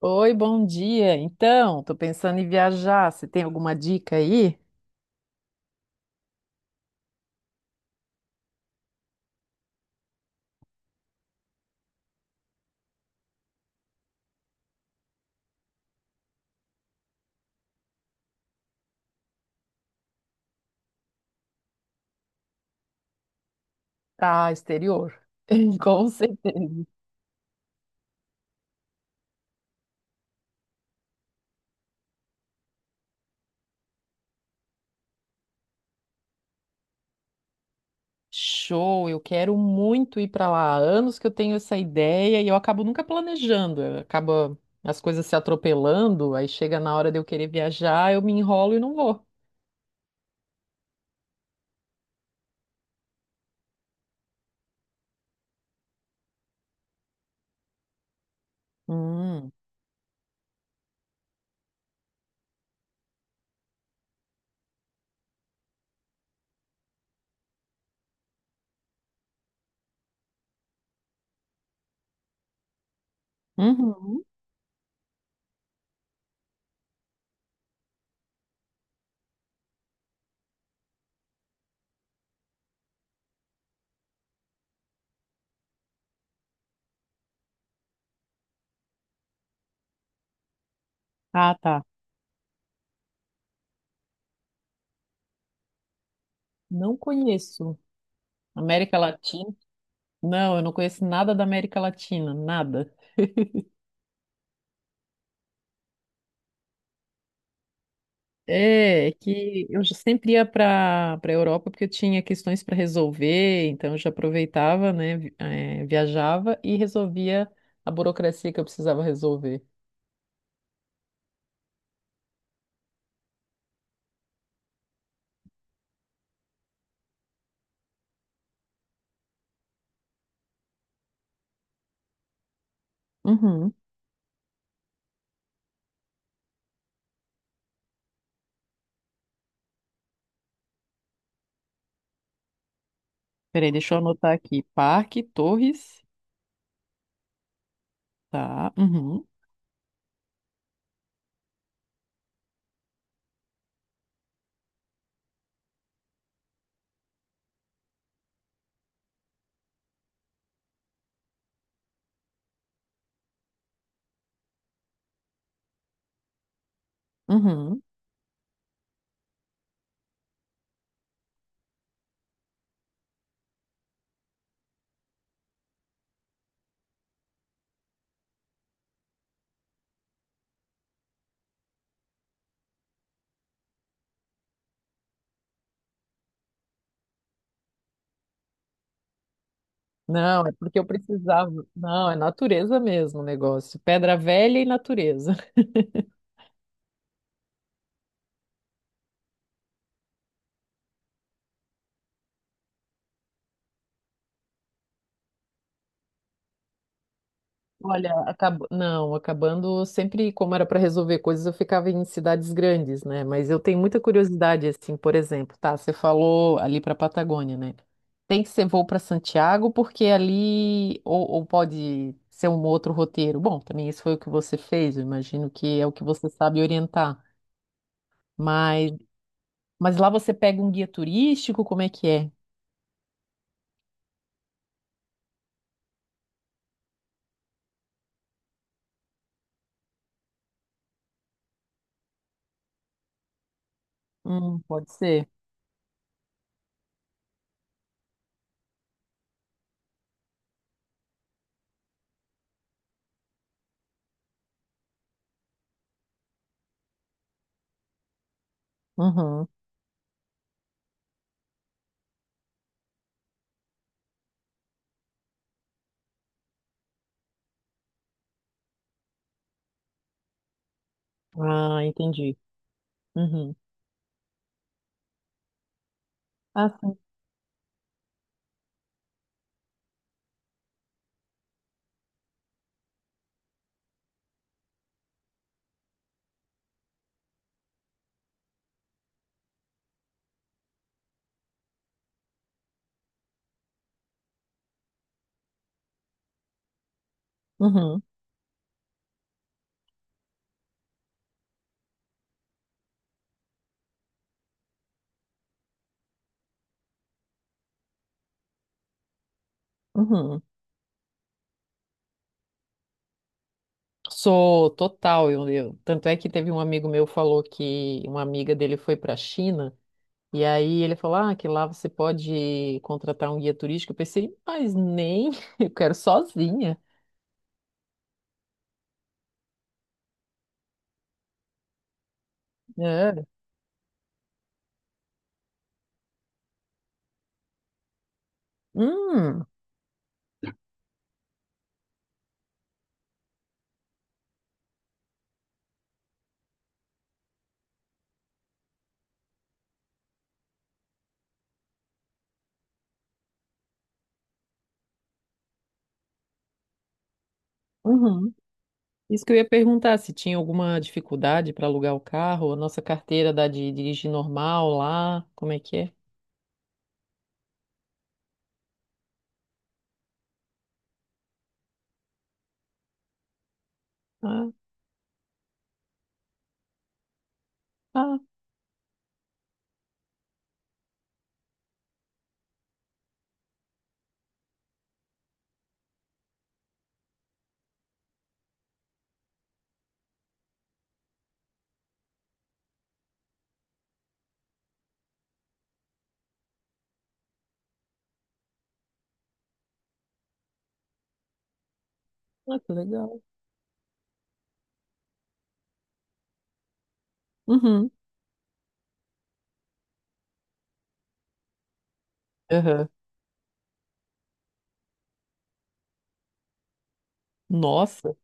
Oi, bom dia. Então, tô pensando em viajar. Você tem alguma dica aí? Pra exterior? Com certeza. Show, eu quero muito ir para lá. Há anos que eu tenho essa ideia e eu acabo nunca planejando. Acaba as coisas se atropelando, aí chega na hora de eu querer viajar, eu me enrolo e não vou. Hum. Uhum. Ah, tá. Não conheço. América Latina? Não, eu não conheço nada da América Latina, nada. É, é que eu já sempre ia para Europa porque eu tinha questões para resolver, então eu já aproveitava, né, viajava e resolvia a burocracia que eu precisava resolver. Uhum. Peraí, deixa eu anotar aqui. Parque, Torres, tá? Uhum. Uhum. Não, é porque eu precisava. Não, é natureza mesmo o negócio. Pedra velha e natureza. Olha, não, acabando sempre como era para resolver coisas, eu ficava em cidades grandes, né? Mas eu tenho muita curiosidade, assim, por exemplo, tá? Você falou ali para Patagônia, né? Tem que ser voo para Santiago, porque ali ou pode ser um outro roteiro. Bom, também isso foi o que você fez, eu imagino que é o que você sabe orientar. Mas, mas lá você pega um guia turístico, como é que é? Pode ser. Uhum. Ah, entendi. Uhum. Ah, sim. Uhum. Uhum. Sou total, tanto é que teve um amigo meu falou que uma amiga dele foi para a China e aí ele falou ah, que lá você pode contratar um guia turístico. Eu pensei, mas nem, eu quero sozinha. É. Hum, uhum. Isso que eu ia perguntar, se tinha alguma dificuldade para alugar o carro, a nossa carteira dá de dirigir normal lá, como é que é? Ah, ah, ah, que legal. Uhum. Aham. Nossa.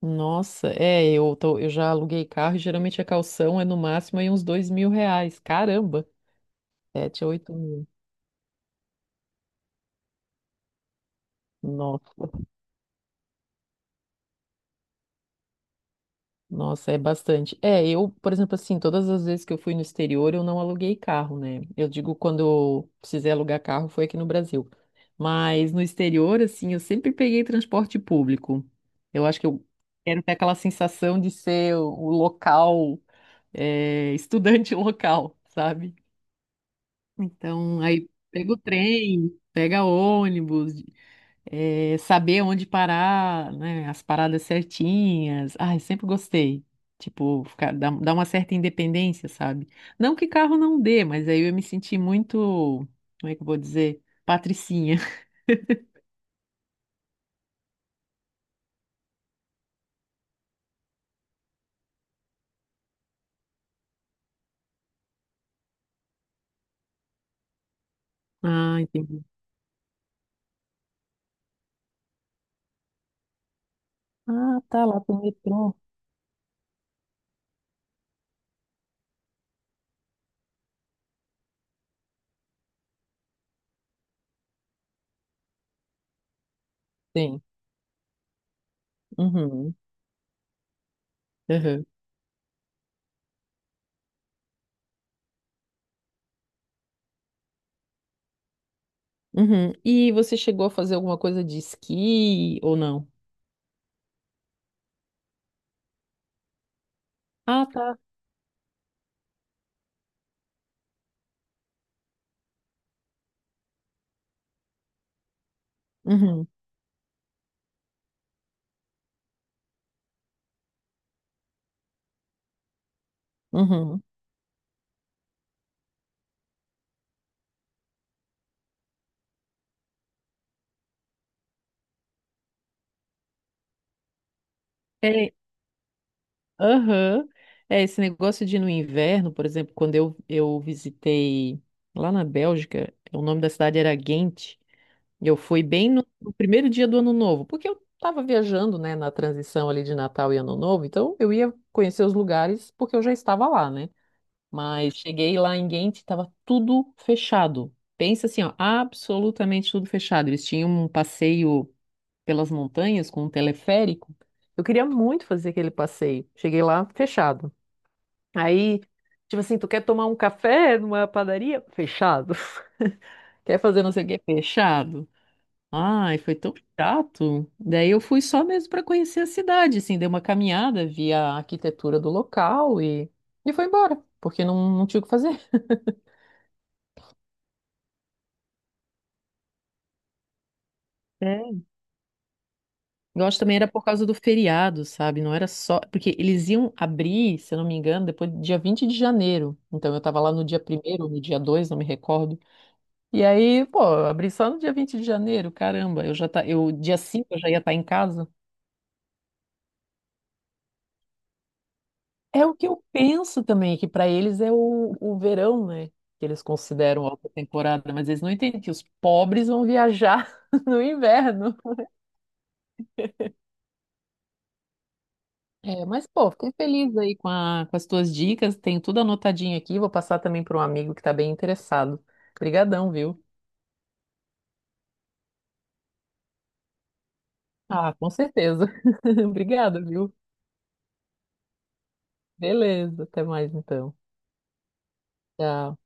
Nossa, é, eu, eu já aluguei carro e geralmente a calção é no máximo aí uns R$ 2.000. Caramba, 7 a 8 mil. Nossa, nossa, é bastante. É, eu, por exemplo, assim, todas as vezes que eu fui no exterior, eu não aluguei carro, né? Eu digo quando eu precisei alugar carro foi aqui no Brasil. Mas no exterior, assim, eu sempre peguei transporte público. Eu acho que eu quero ter aquela sensação de ser o local, é, estudante local, sabe? Então, aí pega o trem, pega ônibus, saber onde parar, né, as paradas certinhas. Ai, sempre gostei. Tipo, dá uma certa independência, sabe? Não que carro não dê, mas aí eu me senti muito, como é que eu vou dizer? Patricinha. Ah, entendi. Ah, tá, lá tem metrô. Tem. Uhum. Uhum. Uhum. E você chegou a fazer alguma coisa de esqui ou não? Ah, tá. Uhum. Uhum. É, aham. É, esse negócio de ir no inverno, por exemplo, quando eu visitei lá na Bélgica, o nome da cidade era Ghent, e eu fui bem no primeiro dia do Ano Novo, porque eu estava viajando, né, na transição ali de Natal e Ano Novo, então eu ia conhecer os lugares porque eu já estava lá, né? Mas cheguei lá em Ghent, estava tudo fechado. Pensa assim, ó, absolutamente tudo fechado. Eles tinham um passeio pelas montanhas com um teleférico. Eu queria muito fazer aquele passeio. Cheguei lá fechado. Aí, tipo assim, tu quer tomar um café numa padaria? Fechado. Quer fazer não sei o quê? Fechado. Ai, foi tão chato. Daí eu fui só mesmo para conhecer a cidade, assim, dei uma caminhada, vi a arquitetura do local e, foi embora, porque não tinha o que fazer. É. Eu acho também era por causa do feriado, sabe? Não era só. Porque eles iam abrir, se eu não me engano, depois do dia 20 de janeiro. Então eu tava lá no dia primeiro ou no dia 2, não me recordo. E aí, pô, eu abri só no dia 20 de janeiro, caramba, eu dia 5 eu já ia estar em casa. É o que eu penso também, que para eles é o verão, né? Que eles consideram alta temporada, mas eles não entendem que os pobres vão viajar no inverno. É, mas, pô, fiquei feliz aí com, com as tuas dicas, tenho tudo anotadinho aqui, vou passar também para um amigo que tá bem interessado. Obrigadão, viu? Ah, com certeza. Obrigada, viu? Beleza, até mais então. Tchau.